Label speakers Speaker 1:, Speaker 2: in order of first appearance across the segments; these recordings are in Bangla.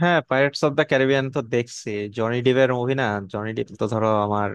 Speaker 1: হ্যাঁ, পাইরেটস অফ দ্য ক্যারিবিয়ান তো দেখছি। জনি ডিভের মুভি না? জনি ডিভ তো ধরো আমার,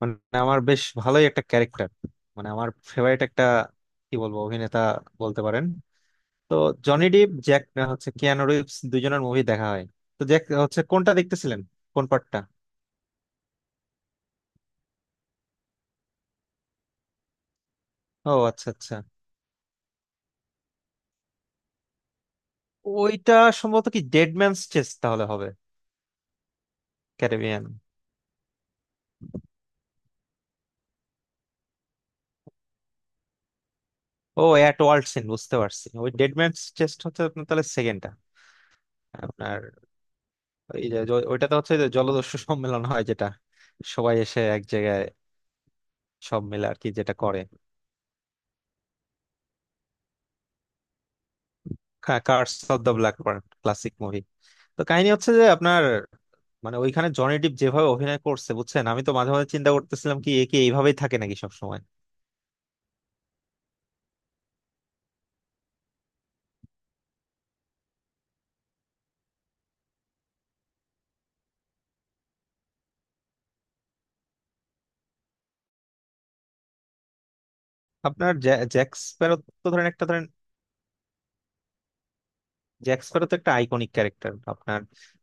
Speaker 1: মানে আমার বেশ ভালোই একটা ক্যারেক্টার, মানে আমার ফেভারিট একটা, কি বলবো, অভিনেতা বলতে পারেন। তো জনি ডিভ জ্যাক হচ্ছে, কিয়ানো রিভস, দুজনের মুভি দেখা হয়। তো জ্যাক হচ্ছে কোনটা দেখতেছিলেন? কোন পার্টটা? ও আচ্ছা আচ্ছা। ওইটা সম্ভবত কি ডেড ম্যানস চেস্ট তাহলে হবে। ক্যারিবিয়ান। ও অ্যাট ওয়ার্ল্ড সিন, বুঝতে পারছি। ওই ডেড ম্যানস চেস্ট হচ্ছে আপনার তাহলে সেকেন্ডটা। এই যে ওইটাতে হচ্ছে যে জলদস্যু সম্মেলন হয় যেটা, সবাই এসে এক জায়গায় সব মিলে আর কি যেটা করে। Curse of the black pearl, classic movie. তো কাহিনী হচ্ছে যে আপনার, মানে ওইখানে জনি ডিপ যেভাবে অভিনয় করছে বুঝছেন, আমি তো মাঝে মাঝে চিন্তা করতেছিলাম কি, এ কি এইভাবেই থাকে নাকি সবসময়। আপনার জ্যাক স্প্যারো। তো ধরেন একটা, ধরেন জ্যাক স্প্যারো তো একটা আইকনিক ক্যারেক্টার আপনার।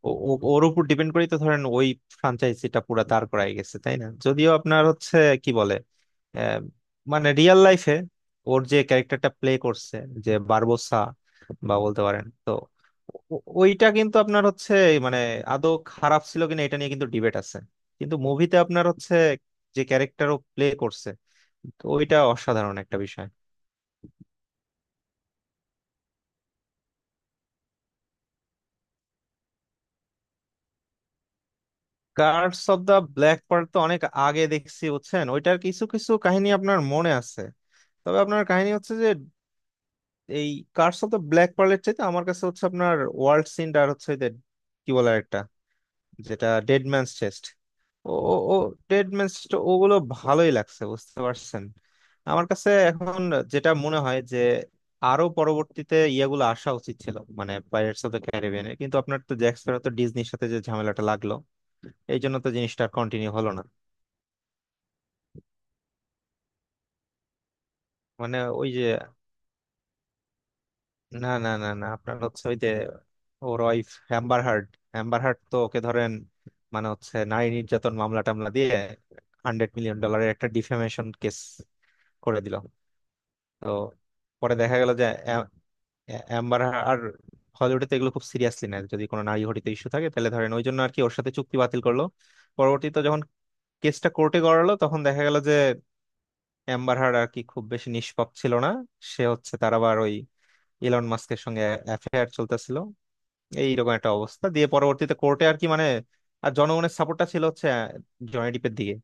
Speaker 1: ওর উপর ডিপেন্ড করেই তো ধরেন ওই ফ্রাঞ্চাইজিটা পুরা দাঁড় করায় গেছে, তাই না? যদিও আপনার হচ্ছে, কি বলে, আহ, মানে রিয়েল লাইফে ওর যে ক্যারেক্টারটা প্লে করছে, যে বারবোসা, বা বলতে পারেন তো, ওইটা কিন্তু আপনার হচ্ছে, মানে আদৌ খারাপ ছিল কিনা এটা নিয়ে কিন্তু ডিবেট আছে। কিন্তু মুভিতে আপনার হচ্ছে যে ক্যারেক্টার ও প্লে করছে, তো ওইটা অসাধারণ একটা বিষয়। Curse of the black part তো অনেক আগে দেখছি বুঝছেন, ওইটার কিছু কিছু কাহিনী আপনার মনে আছে। তবে আপনার কাহিনী হচ্ছে যে, এই কার্স অফ দা ব্ল্যাক পার্লের চাইতে আমার কাছে হচ্ছে আপনার ওয়ার্ল্ড সিন, আর হচ্ছে ওই যে, কি বলে একটা, যেটা ডেড ম্যানস চেস্ট। ও ও ও ডেড ম্যানস চেস্ট, ওগুলো ভালোই লাগছে বুঝতে পারছেন। আমার কাছে এখন যেটা মনে হয় যে আরো পরবর্তীতে ইয়েগুলো আসা উচিত ছিল মানে পাইরেটস অফ দ্য ক্যারিবিয়ানে, কিন্তু আপনার তো জ্যাক স্প্যারো তো ডিজনির সাথে যে ঝামেলাটা লাগলো, এই জন্য তো জিনিসটা কন্টিনিউ হলো না। মানে ওই যে, না না না না, আপনার হচ্ছে ওই যে ওর wife Amber Heard. Amber Heard তো ওকে ধরেন, মানে হচ্ছে নারী নির্যাতন মামলা টামলা দিয়ে 100 মিলিয়ন ডলারের একটা ডিফেমেশন কেস করে দিল। তো পরে দেখা গেল যে অ্যা- অ্যা- অ্যাম্বার আর হলিউডে তো এগুলো খুব সিরিয়াসলি নেয়, যদি কোনো নারী ঘটিত ইস্যু থাকে তাহলে ধরেন ওই জন্য আর কি ওর সাথে চুক্তি বাতিল করলো। পরবর্তীতে যখন কেসটা কোর্টে গড়ালো তখন দেখা গেল যে অ্যাম্বার হার্ড আর কি খুব বেশি নিষ্পাপ ছিল না। সে হচ্ছে, তার আবার ওই ইলন মাস্কের সঙ্গে অ্যাফেয়ার চলতেছিল, এইরকম একটা অবস্থা দিয়ে পরবর্তীতে কোর্টে আর কি মানে, আর জনগণের সাপোর্টটা ছিল হচ্ছে জনি ডিপের দিকে।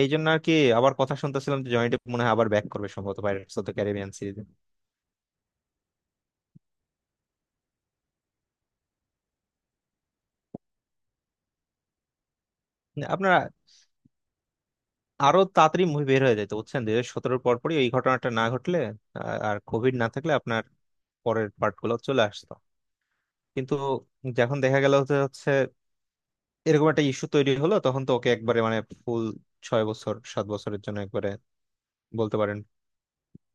Speaker 1: এই জন্য আর কি আবার কথা শুনতেছিলাম যে জনি ডিপ মনে হয় আবার ব্যাক করবে সম্ভবত পাইরেটস অফ দ্য ক্যারিবিয়ান সিরিজে। আপনারা আরো তাড়াতাড়ি মুভি বের হয়ে যেত বুঝছেন, 2017-এর পরপরই ওই ঘটনাটা না ঘটলে আর কোভিড না থাকলে আপনার পরের পার্ট গুলো চলে আসতো। কিন্তু যখন দেখা গেল হচ্ছে হচ্ছে এরকম একটা ইস্যু তৈরি হলো তখন তো ওকে একবারে মানে ফুল 6 বছর 7 বছরের জন্য একবারে বলতে পারেন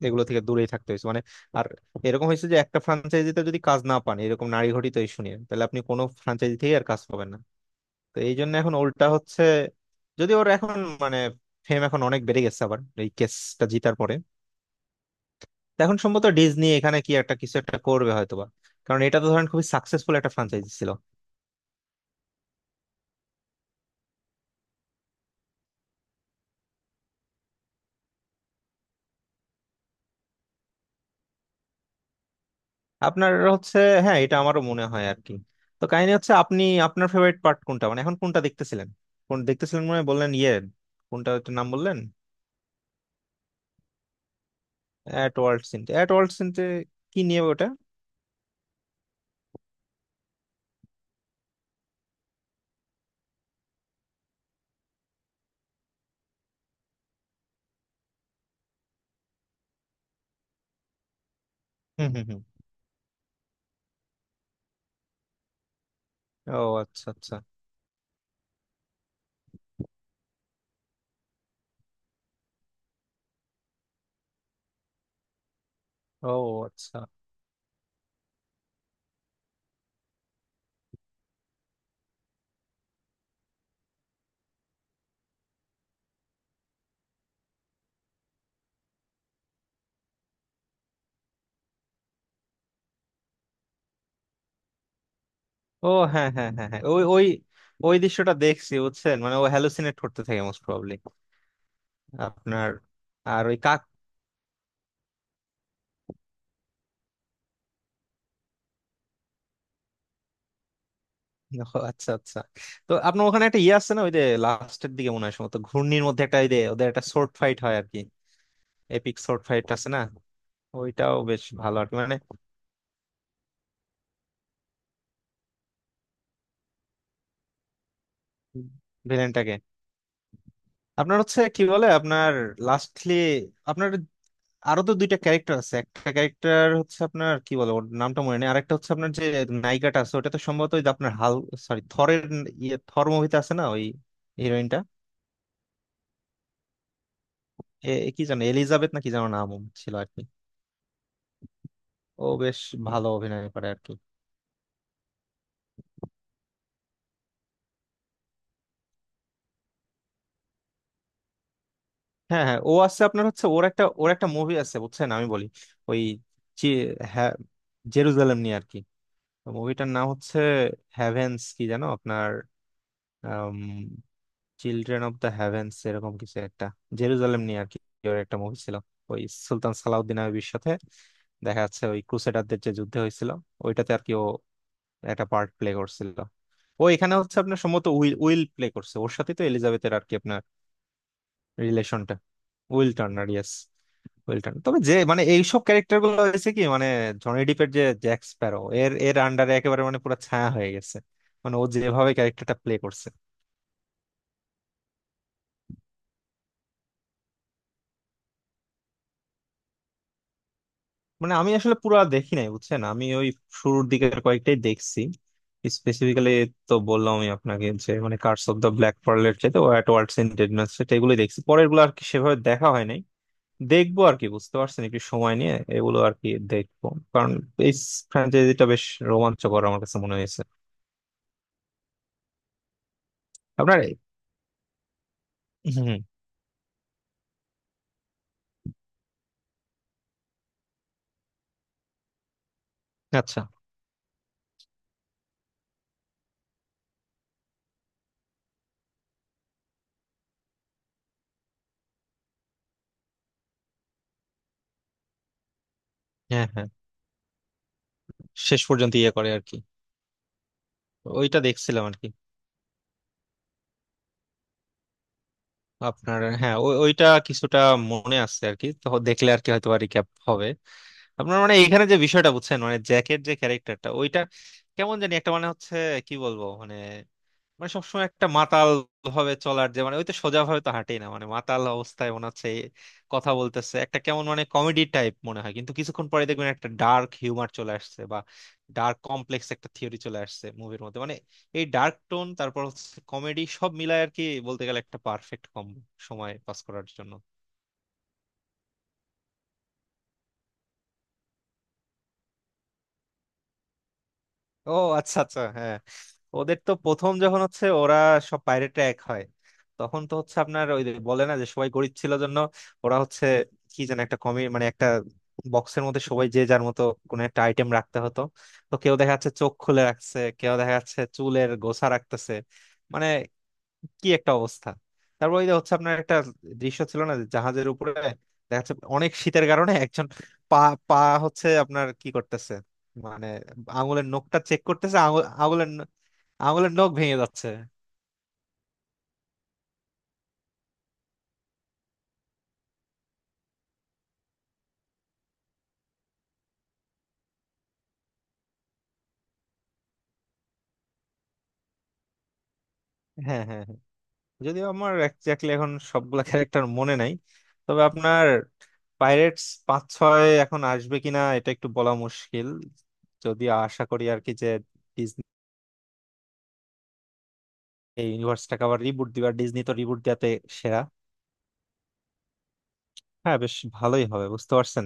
Speaker 1: এগুলো থেকে দূরেই থাকতে হয়েছে মানে। আর এরকম হয়েছে যে একটা ফ্রাঞ্চাইজিতে যদি কাজ না পান এরকম নারী ঘটিত ইস্যু নিয়ে, তাহলে আপনি কোনো ফ্রাঞ্চাইজি থেকে আর কাজ পাবেন না। তো এই জন্য এখন উল্টা হচ্ছে, যদি ওর এখন মানে ফেম এখন অনেক বেড়ে গেছে আবার এই কেসটা জিতার পরে, এখন সম্ভবত ডিজনি এখানে কি একটা কিছু একটা করবে হয়তোবা। কারণ এটা তো ধরেন খুবই সাকসেসফুল একটা ফ্রাঞ্চাইজি ছিল। আপনার হচ্ছে, হ্যাঁ, এটা আমারও মনে হয় আর কি। তো কাহিনী হচ্ছে আপনি আপনার ফেভারিট পার্ট কোনটা, মানে এখন কোনটা দেখতেছিলেন? কোন দেখতেছিলেন মনে হয় বললেন ইয়ে, কোনটা ওটার নাম বললেন? অ্যাট ওয়ার্ল্ড সিনতে? অ্যাট ওয়ার্ল্ড সিনতে কি নিয়ে ওটা? হুম হুম হুম। ও আচ্ছা আচ্ছা। ও আচ্ছা। ও হ্যাঁ হ্যাঁ হ্যাঁ হ্যাঁ, ওই ওই ওই দৃশ্যটা দেখছি বুঝছেন, মানে ও হ্যালুসিনেট করতে থাকে মোস্ট প্রবাবলি। আপনার, আর ওই কাক। ও আচ্ছা আচ্ছা। তো আপনার ওখানে একটা ইয়ে আছে না, ওই যে লাস্টের দিকে মনে হয় সম্ভবত ঘূর্ণির মধ্যে একটা ওই যে ওদের একটা শর্ট ফাইট হয় আর কি, এপিক শর্ট ফাইট আছে না? ওইটাও বেশ ভালো আর কি মানে। ভিলেনটাকে। আপনার হচ্ছে, কি বলে, আপনার লাস্টলি আপনার আরো তো দুইটা ক্যারেক্টার আছে, একটা ক্যারেক্টার হচ্ছে আপনার, কি বলে, ওর নামটা মনে নেই, আরেকটা হচ্ছে আপনার যে নায়িকাটা আছে, ওটা তো সম্ভবত ওই যে আপনার হাল, সরি, থরের, ইয়ে, থর মুভিতে আছে না ওই হিরোইনটা। এ এ কি জানো এলিজাবেথ না কি জানো নাম ছিল আর কি। ও বেশ ভালো অভিনয় করে আর কি। হ্যাঁ হ্যাঁ, ও আছে আপনার হচ্ছে ওর একটা, ওর একটা মুভি আছে বুঝছেন, আমি বলি ওই চি- হ্যাঁ, জেরুজালেম নিয়ে আর কি। মুভিটার নাম হচ্ছে হ্যাভেন্স কি জানো আপনার, চিলড্রেন অফ দ্য হ্যাভেন্স এরকম কিছু একটা, জেরুজালেম নিয়ে আর কি ওর একটা মুভি ছিল। ওই সুলতান সালাউদ্দিন আইবির সাথে দেখা যাচ্ছে, ওই ক্রুসেডারদের যে যুদ্ধ হয়েছিল, ওইটাতে আর কি ও একটা পার্ট প্লে করছিল। ও এখানে হচ্ছে আপনার সম্ভবত উইল উইল প্লে করছে, ওর সাথে তো এলিজাবেথের আর কি রিলেশনটা। Will Turner, yes. Will Turner, তবে যে মানে এইসব ক্যারেক্টার গুলো হয়েছে কি মানে জনি ডিপের যে জ্যাক স্প্যারো এর এর আন্ডারে একেবারে মানে পুরো ছায়া হয়ে গেছে, মানে ও যেভাবে ক্যারেক্টারটা প্লে করছে। মানে আমি আসলে পুরো দেখি নাই বুঝছেন, আমি ওই শুরুর দিকের কয়েকটাই দেখছি স্পেসিফিক্যালি। তো বললাম আমি আপনাকে যে মানে কার্স অফ দ্য ব্ল্যাক পার্লের চাইতে ও অ্যাট ওয়ার্ল্ডস ইন ডেডনেস সেটা, এগুলোই দেখছি, পরের গুলো আর কি সেভাবে দেখা হয় নাই। দেখবো আর কি বুঝতে পারছেন, একটু সময় নিয়ে এগুলো আর কি দেখবো, কারণ এই ফ্র্যাঞ্চাইজিটা বেশ রোমাঞ্চকর আমার কাছে মনে হয়েছে। আপনার, হম। আচ্ছা। হ্যাঁ হ্যাঁ। শেষ পর্যন্ত ইয়ে করে আর কি, ওইটা দেখছিলাম আর কি। আপনার, হ্যাঁ, ওইটা কিছুটা মনে আছে আর কি, তো দেখলে আর কি হয়তো আর রিক্যাপ হবে। আপনার, মানে এখানে যে বিষয়টা বুঝছেন মানে জ্যাকের যে ক্যারেক্টারটা ওইটা কেমন জানি একটা মানে হচ্ছে, কি বলবো মানে, মানে সবসময় একটা মাতাল ভাবে চলার যে, মানে ওই তো সোজা ভাবে তো হাঁটেই না, মানে মাতাল অবস্থায় মনে হচ্ছে এই কথা বলতেছে, একটা কেমন মানে কমেডি টাইপ মনে হয় কিন্তু কিছুক্ষণ পরে দেখবেন একটা ডার্ক হিউমার চলে আসছে বা ডার্ক কমপ্লেক্স একটা থিওরি চলে আসছে মুভির মধ্যে মানে। এই ডার্ক টোন তারপর হচ্ছে কমেডি, সব মিলায় আর কি বলতে গেলে একটা পারফেক্ট কম সময় পাস করার জন্য। ও আচ্ছা আচ্ছা, হ্যাঁ। ওদের তো প্রথম যখন হচ্ছে ওরা সব পাইরেটরা এক হয় তখন তো হচ্ছে আপনার ওই যে বলে না যে সবাই গরিব ছিল জন্য ওরা হচ্ছে, কি যেন একটা কমি মানে, একটা বক্সের মধ্যে সবাই যে যার মতো কোনো একটা আইটেম রাখতে হতো। তো কেউ দেখা যাচ্ছে চোখ খুলে রাখছে, কেউ দেখা যাচ্ছে চুলের গোছা রাখতেছে, মানে কি একটা অবস্থা। তারপর ওই যে হচ্ছে আপনার একটা দৃশ্য ছিল না যে জাহাজের উপরে দেখা যাচ্ছে অনেক শীতের কারণে একজন পা পা হচ্ছে আপনার কি করতেছে মানে আঙুলের নখটা চেক করতেছে, আঙুলের নখ ভেঙে যাচ্ছে। হ্যাঁ হ্যাঁ হ্যাঁ। যদিও আমার একজাক্টলি এখন সবগুলা ক্যারেক্টার মনে নাই, তবে আপনার পাইরেটস পাঁচ ছয় এখন আসবে কিনা এটা একটু বলা মুশকিল। যদি আশা করি আর কি যে ডিজনি এই ইউনিভার্সটাকে আবার রিবুট দিবে, আর ডিজনি তো রিবুট দেওয়াতে সেরা। হ্যাঁ, বেশ ভালোই হবে বুঝতে পারছেন।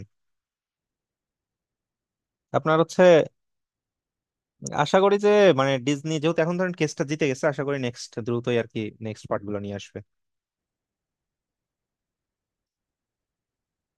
Speaker 1: আপনার হচ্ছে, আশা করি যে, মানে ডিজনি যেহেতু এখন ধরেন কেসটা জিতে গেছে, আশা করি নেক্সট দ্রুতই আর কি নেক্সট পার্ট গুলো নিয়ে আসবে।